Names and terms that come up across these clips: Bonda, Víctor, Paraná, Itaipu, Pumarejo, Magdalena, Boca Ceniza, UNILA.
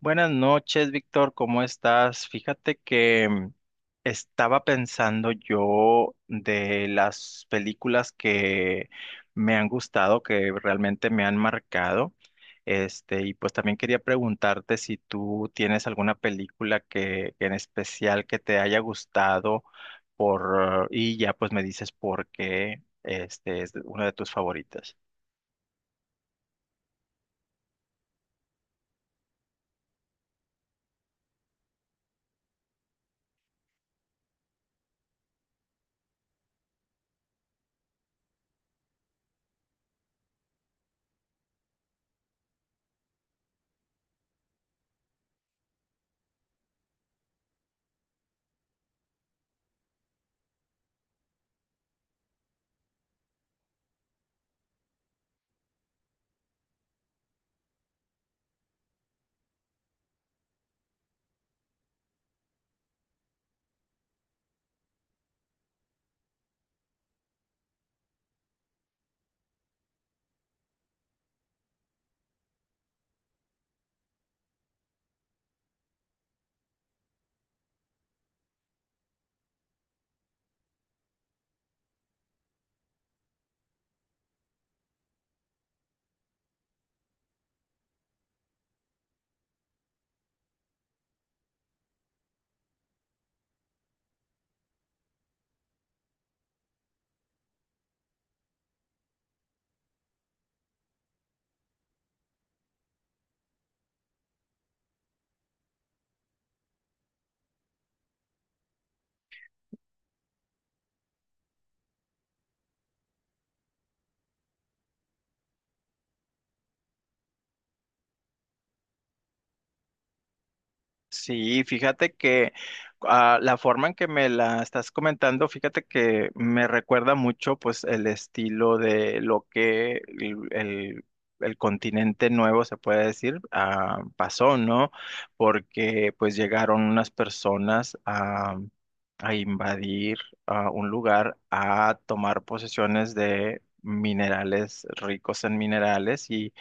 Buenas noches, Víctor, ¿cómo estás? Fíjate que estaba pensando yo de las películas que me han gustado, que realmente me han marcado. Este, y pues también quería preguntarte si tú tienes alguna película que en especial que te haya gustado y ya pues me dices por qué este es una de tus favoritas. Sí, fíjate que la forma en que me la estás comentando, fíjate que me recuerda mucho pues el estilo de lo que el continente nuevo se puede decir pasó, ¿no? Porque pues llegaron unas personas a invadir un lugar, a tomar posesiones de minerales, ricos en minerales y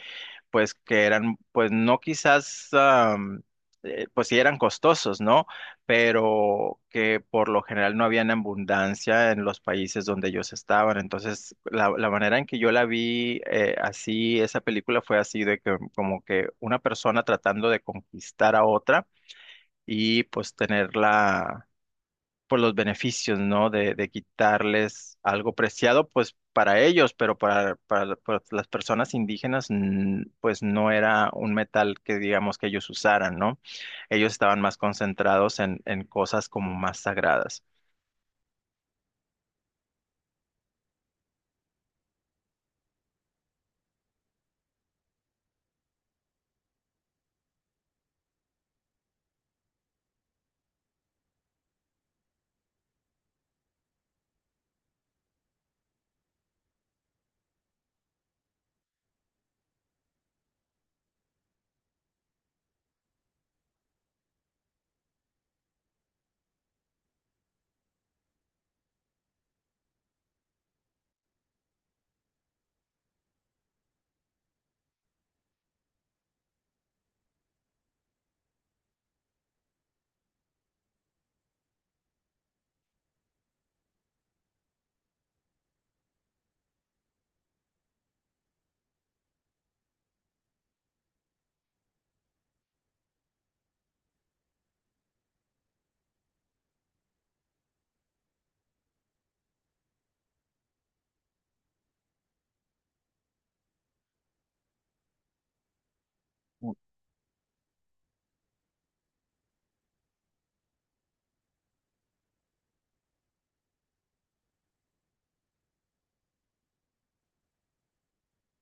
pues que eran, pues no quizás, pues sí eran costosos, ¿no? Pero que por lo general no habían abundancia en los países donde ellos estaban. Entonces, la manera en que yo la vi así, esa película fue así de que como que una persona tratando de conquistar a otra y pues tenerla por los beneficios, ¿no? De quitarles algo preciado, pues para ellos, pero para las personas indígenas, pues no era un metal que digamos que ellos usaran, ¿no? Ellos estaban más concentrados en cosas como más sagradas.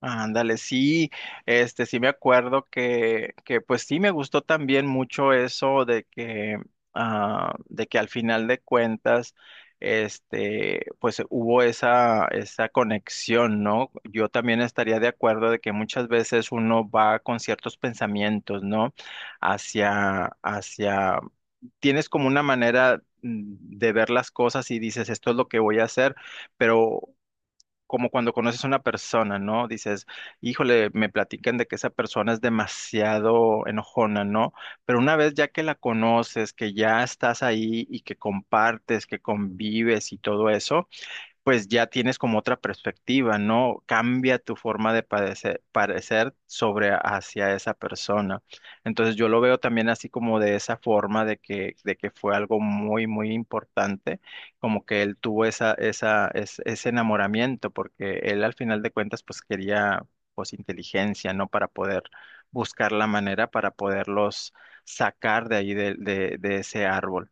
Ándale, sí, este sí me acuerdo que pues sí me gustó también mucho eso de que de que al final de cuentas este pues hubo esa conexión, ¿no? Yo también estaría de acuerdo de que muchas veces uno va con ciertos pensamientos, ¿no? Hacia tienes como una manera de ver las cosas y dices, esto es lo que voy a hacer, pero como cuando conoces a una persona, ¿no? Dices, híjole, me platican de que esa persona es demasiado enojona, ¿no? Pero una vez ya que la conoces, que ya estás ahí y que compartes, que convives y todo eso, pues ya tienes como otra perspectiva, ¿no? Cambia tu forma de parecer, parecer sobre hacia esa persona. Entonces yo lo veo también así como de esa forma de que fue algo muy, muy importante, como que él tuvo ese enamoramiento, porque él al final de cuentas pues quería pues inteligencia, ¿no? Para poder buscar la manera para poderlos sacar de ahí de ese árbol.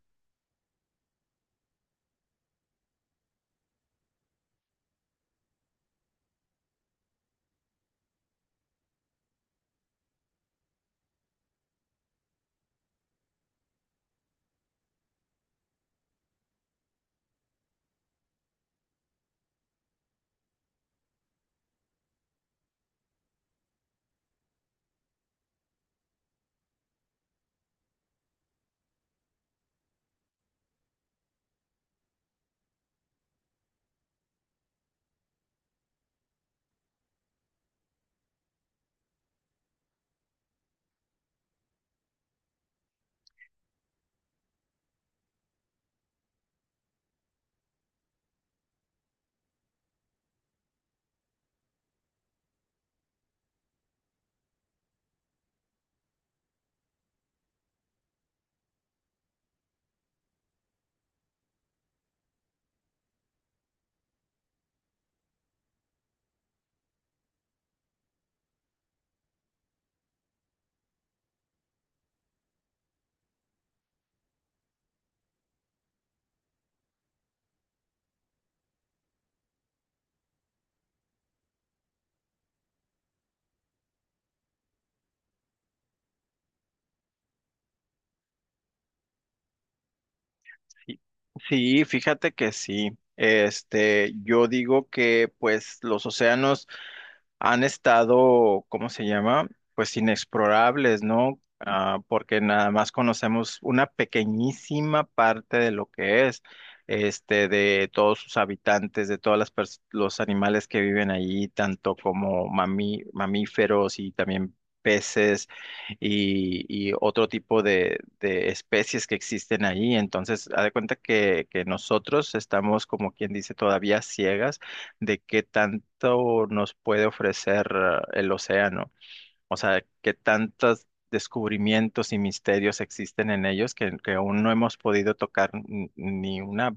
Sí, sí, fíjate que sí. Este, yo digo que pues los océanos han estado, ¿cómo se llama? Pues inexplorables, ¿no? Ah, porque nada más conocemos una pequeñísima parte de lo que es, este, de todos sus habitantes, de todas las los animales que viven allí, tanto como mamíferos y también peces y otro tipo de especies que existen ahí. Entonces, haz de cuenta que nosotros estamos, como quien dice, todavía ciegas de qué tanto nos puede ofrecer el océano. O sea, qué tantos descubrimientos y misterios existen en ellos que aún no hemos podido tocar n- ni una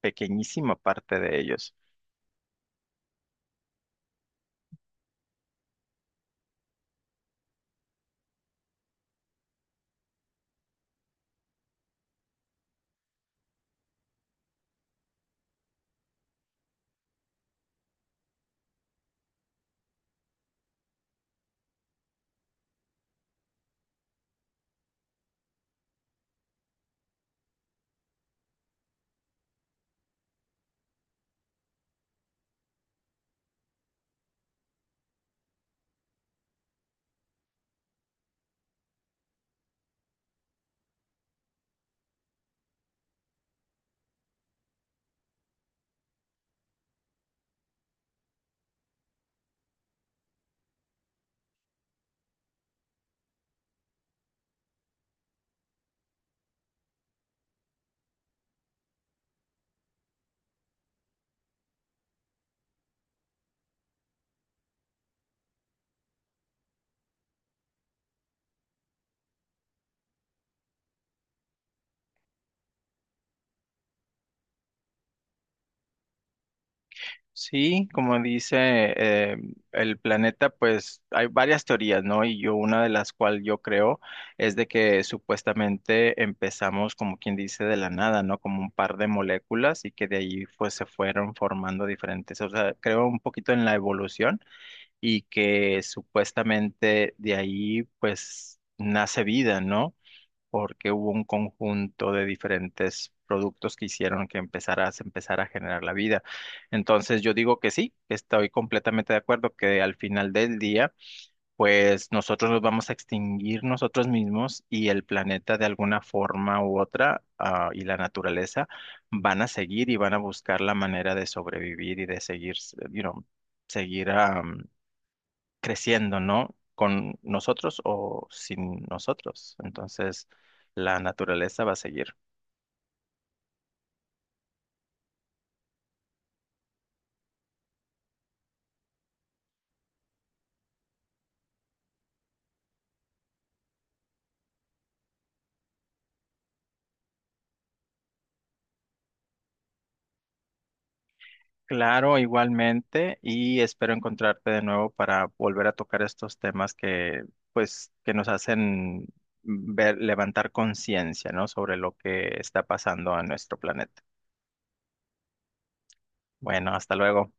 pequeñísima parte de ellos. Sí, como dice eh, el planeta, pues hay varias teorías, ¿no? Y yo una de las cual yo creo es de que supuestamente empezamos como quien dice de la nada, ¿no? Como un par de moléculas y que de ahí pues se fueron formando diferentes, o sea, creo un poquito en la evolución y que supuestamente de ahí pues nace vida, ¿no? Porque hubo un conjunto de diferentes productos que hicieron que empezara, se empezara a generar la vida. Entonces yo digo que sí, estoy completamente de acuerdo que al final del día, pues nosotros nos vamos a extinguir nosotros mismos y el planeta de alguna forma u otra, ah, y la naturaleza van a seguir y van a buscar la manera de sobrevivir y de seguir, you know, seguir, creciendo, ¿no? Con nosotros o sin nosotros. Entonces, la naturaleza va a seguir. Claro, igualmente, y espero encontrarte de nuevo para volver a tocar estos temas que, pues, que nos hacen ver, levantar conciencia, ¿no? Sobre lo que está pasando a nuestro planeta. Bueno, hasta luego.